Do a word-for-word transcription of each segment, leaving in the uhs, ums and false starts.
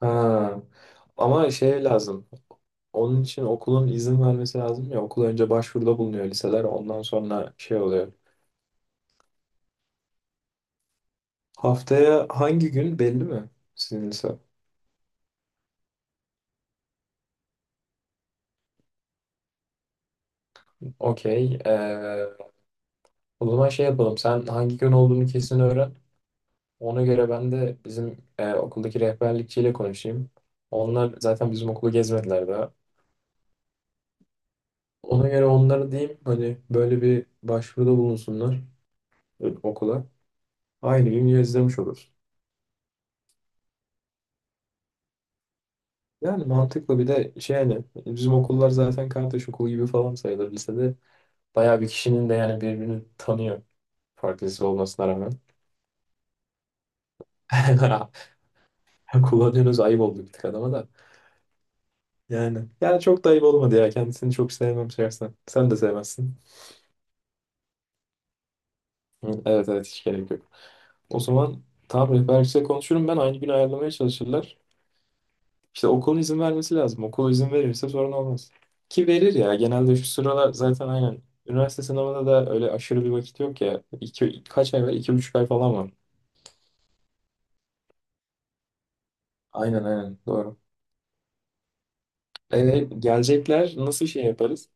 Ha. Ama şey lazım. Onun için okulun izin vermesi lazım ya. Okul önce başvuruda bulunuyor liseler. Ondan sonra şey oluyor. Haftaya hangi gün belli mi sizin lise? Okey. Ee, o zaman şey yapalım. Sen hangi gün olduğunu kesin öğren. Ona göre ben de bizim e, okuldaki rehberlikçiyle konuşayım. Onlar zaten bizim okulu gezmediler daha. Ona göre onlara diyeyim hani böyle bir başvuruda bulunsunlar e, okula. Aynı gün gezdirmiş oluruz. Yani mantıklı, bir de şey, yani bizim okullar zaten kardeş okulu gibi falan sayılır lisede. Bayağı bir kişinin de yani birbirini tanıyor. Farklı lise olmasına rağmen. Kullanıyoruz, ayıp oldu bir tık adama da. Yani. Yani çok da ayıp olmadı ya. Kendisini çok sevmem şahsen. Sen de sevmezsin. Hı, evet evet, hiç gerek yok. O zaman tamam, rehber kişiyle konuşurum ben. Aynı gün ayarlamaya çalışırlar. İşte okul izin vermesi lazım. Okul izin verirse sorun olmaz. Ki verir ya. Genelde şu sıralar zaten, aynen. Üniversite sınavında da öyle aşırı bir vakit yok ya. İki, kaç ay var? İki buçuk ay falan var. Aynen aynen. Doğru. Ee, gelecekler, nasıl şey yaparız?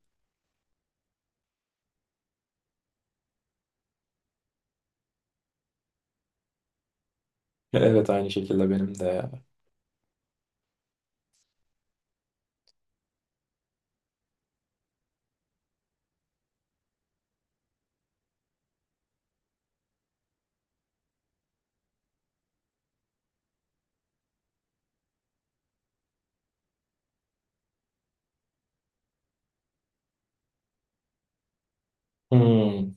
Evet, aynı şekilde benim de ya. Hmm,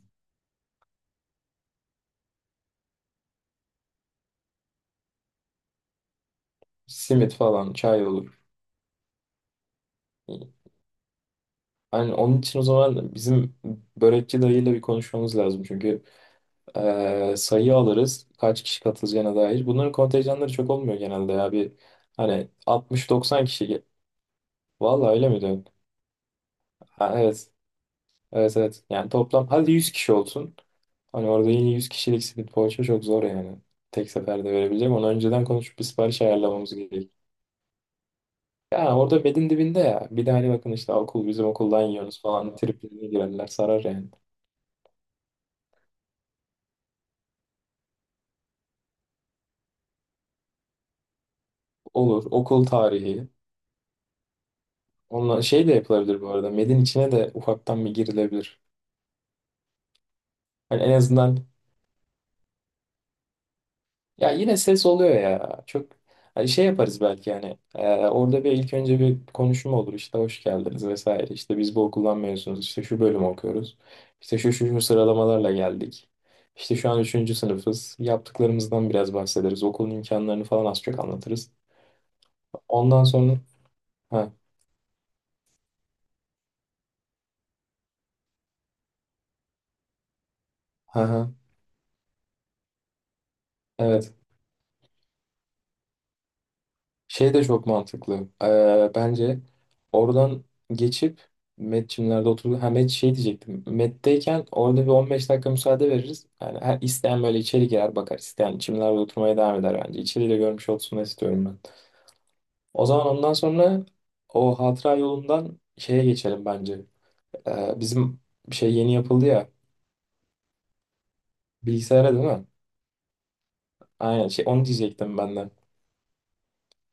Simit falan, çay olur. Yani onun için o zaman bizim börekçi dayıyla bir konuşmamız lazım. Çünkü Ee, sayı alırız. Kaç kişi katılacağına dair. Bunların kontenjanları çok olmuyor genelde ya. Bir hani altmış doksan kişi. ge- Vallahi öyle mi diyorsun? Ha, evet. Evet evet. Yani toplam hadi yüz kişi olsun. Hani orada yine yüz kişilik simit poğaça çok zor yani. Tek seferde verebileceğim. Onu önceden konuşup bir sipariş ayarlamamız gerekiyor. Ya orada bedin dibinde ya. Bir de hani bakın, işte okul bizim okuldan yiyoruz falan. Triplerine girerler, sarar yani. Olur. Okul tarihi. Onunla şey de yapılabilir bu arada. Medin içine de ufaktan bir girilebilir. Hani en azından, ya yine ses oluyor ya. Çok hani şey yaparız belki yani. Ee, orada bir ilk önce bir konuşma olur, işte hoş geldiniz vesaire. İşte biz bu okuldan mezunuz. İşte şu bölüm okuyoruz. İşte şu şu, şu sıralamalarla geldik. İşte şu an üçüncü sınıfız. Yaptıklarımızdan biraz bahsederiz. Okulun imkanlarını falan az çok anlatırız. Ondan sonra ha, ha, ha, evet, şey de çok mantıklı. Ee, bence oradan geçip Metçimlerde oturdu. Ha, Met şey diyecektim. Met'teyken orada bir on beş dakika müsaade veririz. Yani her isteyen böyle içeri girer bakar. İsteyen çimlerde oturmaya devam eder bence. İçeri de görmüş olsun istiyorum ben. O zaman ondan sonra o hatıra yolundan şeye geçelim bence. Ee, bizim bir şey yeni yapıldı ya. Bilgisayara, değil mi? Aynen, şey onu diyecektim ben de.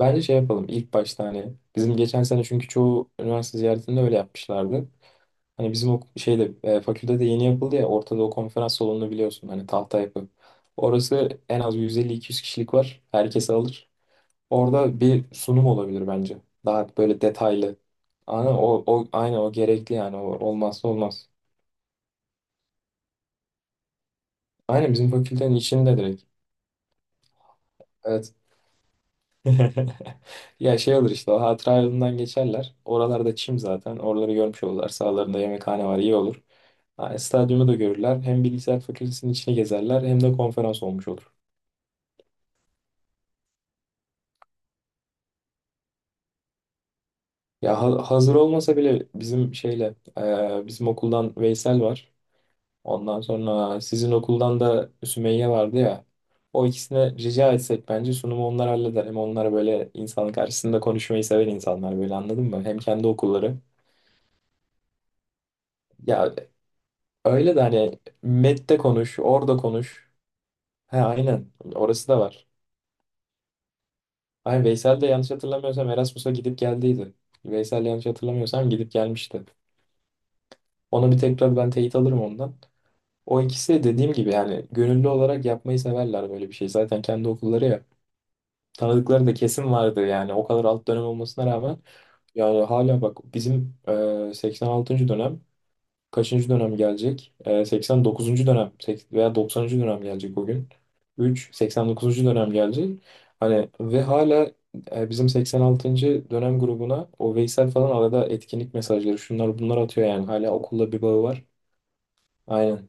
Bence şey yapalım ilk başta hani. Bizim geçen sene, çünkü çoğu üniversite ziyaretinde öyle yapmışlardı. Hani bizim o şeyde e, fakültede yeni yapıldı ya ortada, o konferans salonunu biliyorsun hani, tahta yapı. Orası en az yüz elli iki yüz kişilik var. Herkes alır. Orada bir sunum olabilir bence. Daha böyle detaylı. Aynen o, o, aynen o gerekli yani. O, olmazsa olmaz. Aynen bizim fakültenin içinde direkt. Evet. Ya şey olur, işte o hatıra yolundan geçerler. Oralarda çim zaten. Oraları görmüş olurlar. Sağlarında yemekhane var, iyi olur. Yani stadyumu da görürler. Hem bilgisayar fakültesinin içine gezerler, hem de konferans olmuş olur. Ya ha- hazır olmasa bile bizim şeyle e, bizim okuldan Veysel var. Ondan sonra sizin okuldan da Sümeyye vardı ya. O ikisine rica etsek bence sunumu onlar halleder. Hem onlar böyle insanın karşısında konuşmayı seven insanlar, böyle anladın mı? Hem kendi okulları. Ya öyle de hani M E T'te konuş, orada konuş. He, aynen, orası da var. Ay, Veysel de yanlış hatırlamıyorsam Erasmus'a gidip geldiydi. Veysel, yanlış hatırlamıyorsam, gidip gelmişti. Ona bir tekrar ben teyit alırım ondan. O ikisi de dediğim gibi yani gönüllü olarak yapmayı severler böyle bir şey. Zaten kendi okulları ya. Tanıdıkları da kesin vardı yani, o kadar alt dönem olmasına rağmen. Yani hala bak, bizim e, seksen altıncı dönem, kaçıncı dönem gelecek? E, seksen dokuzuncu dönem sek- veya doksanıncı dönem gelecek o gün. üç seksen dokuzuncu dönem gelecek. Hani ve hala e, bizim seksen altıncı dönem grubuna o Veysel falan arada etkinlik mesajları, şunlar bunlar atıyor, yani hala okulla bir bağı var. Aynen.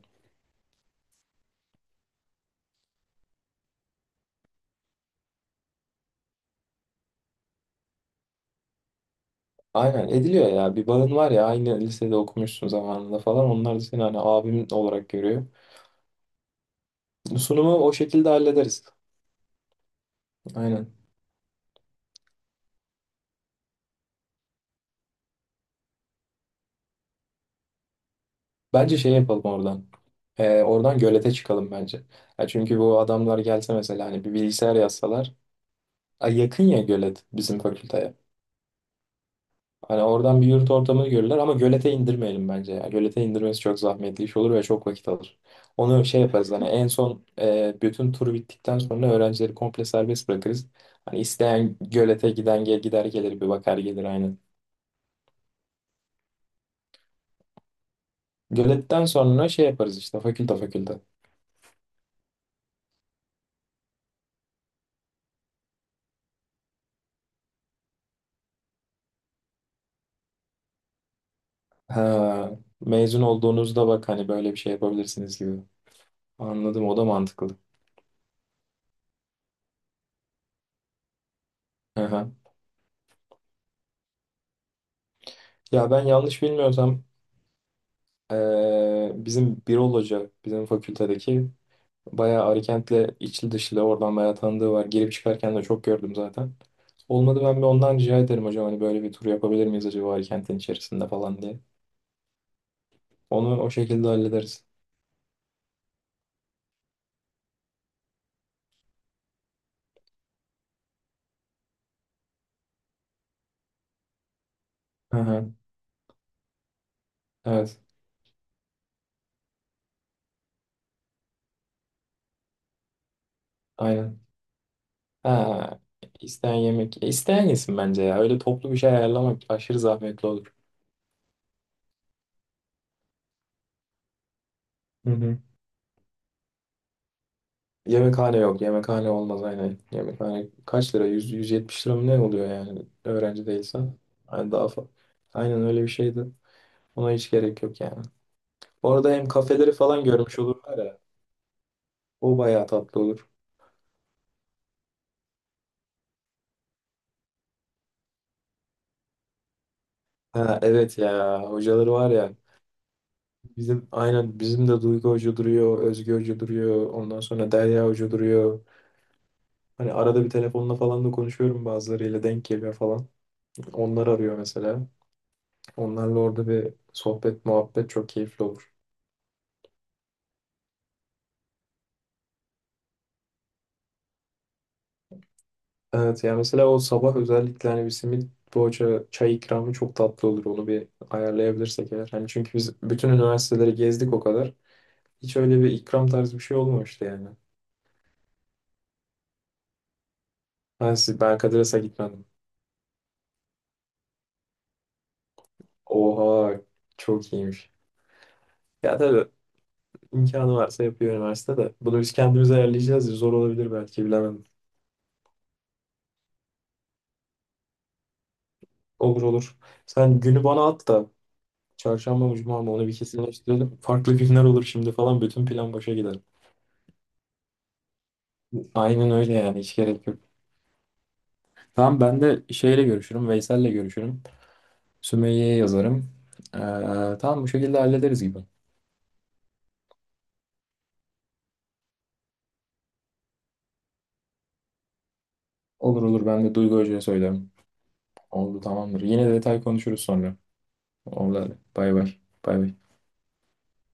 Aynen ediliyor ya. Bir bağın var ya, aynı lisede okumuşsun zamanında falan. Onlar da seni hani abim olarak görüyor. Sunumu o şekilde hallederiz. Aynen. Bence şey yapalım oradan. Ee, oradan gölete çıkalım bence. Ya çünkü bu adamlar gelse mesela, hani bir bilgisayar yazsalar. Ay yakın ya, gölet bizim fakülteye. Hani oradan bir yurt ortamını görürler, ama gölete indirmeyelim bence ya. Gölete indirmesi çok zahmetli iş olur ve çok vakit alır. Onu şey yaparız hani en son, e, bütün tur bittikten sonra öğrencileri komple serbest bırakırız. Hani isteyen gölete giden gel gider gelir, bir bakar gelir, aynen. Göletten sonra şey yaparız, işte fakülte fakülte. Ha, mezun olduğunuzda bak hani böyle bir şey yapabilirsiniz gibi. Anladım, o da mantıklı. Hı hı. Ya ben yanlış bilmiyorsam e, bizim Birol Hoca bizim fakültedeki, bayağı Arikent'le içli dışlı, oradan bayağı tanıdığı var. Girip çıkarken de çok gördüm zaten. Olmadı ben bir ondan rica ederim, hocam hani böyle bir tur yapabilir miyiz acaba Arikent'in içerisinde falan diye. Onu o şekilde hallederiz. Hı hı. Evet. Aynen. Ha, isteyen yemek. E, isteyen yesin bence ya. Öyle toplu bir şey ayarlamak aşırı zahmetli olur. Hı hı. Yemekhane yok. Yemekhane olmaz, aynen. Yemekhane kaç lira? Yüz yüz 170 lira mı ne oluyor yani? Öğrenci değilsen. Yani daha fa- Aynen öyle bir şeydi. Ona hiç gerek yok yani. Orada hem kafeleri falan görmüş olurlar ya. O bayağı tatlı olur. Ha, evet ya, hocaları var ya. Bizim, aynen bizim de Duygu Hoca duruyor, Özge Hoca duruyor, ondan sonra Derya Hoca duruyor. Hani arada bir telefonla falan da konuşuyorum, bazılarıyla denk geliyor falan. Onlar arıyor mesela. Onlarla orada bir sohbet, muhabbet çok keyifli olur. Evet ya, mesela o sabah özellikle hani bir simit poğaça çay ikramı çok tatlı olur. Onu bir ayarlayabilirsek eğer. Hani çünkü biz bütün üniversiteleri gezdik o kadar. Hiç öyle bir ikram tarzı bir şey olmamıştı yani. Ben, siz, ben Kadras'a gitmedim. Oha, çok iyiymiş. Ya tabii, imkanı varsa yapıyor üniversite de. Bunu biz kendimiz ayarlayacağız. Zor olabilir belki, bilemedim. Olur olur. Sen günü bana at da çarşamba mı cuma mı onu bir kesinleştirelim. Farklı günler olur şimdi falan. Bütün plan boşa gider. Aynen öyle yani, hiç gerek yok. Tamam, ben de şeyle görüşürüm. Veysel'le görüşürüm. Sümeyye'ye yazarım. Ee, tamam, bu şekilde hallederiz gibi. Olur olur, ben de Duygu Hoca'ya söylerim. Oldu, tamamdır. Yine detay konuşuruz sonra. Oldu, hadi. Bay bay. Bay bay.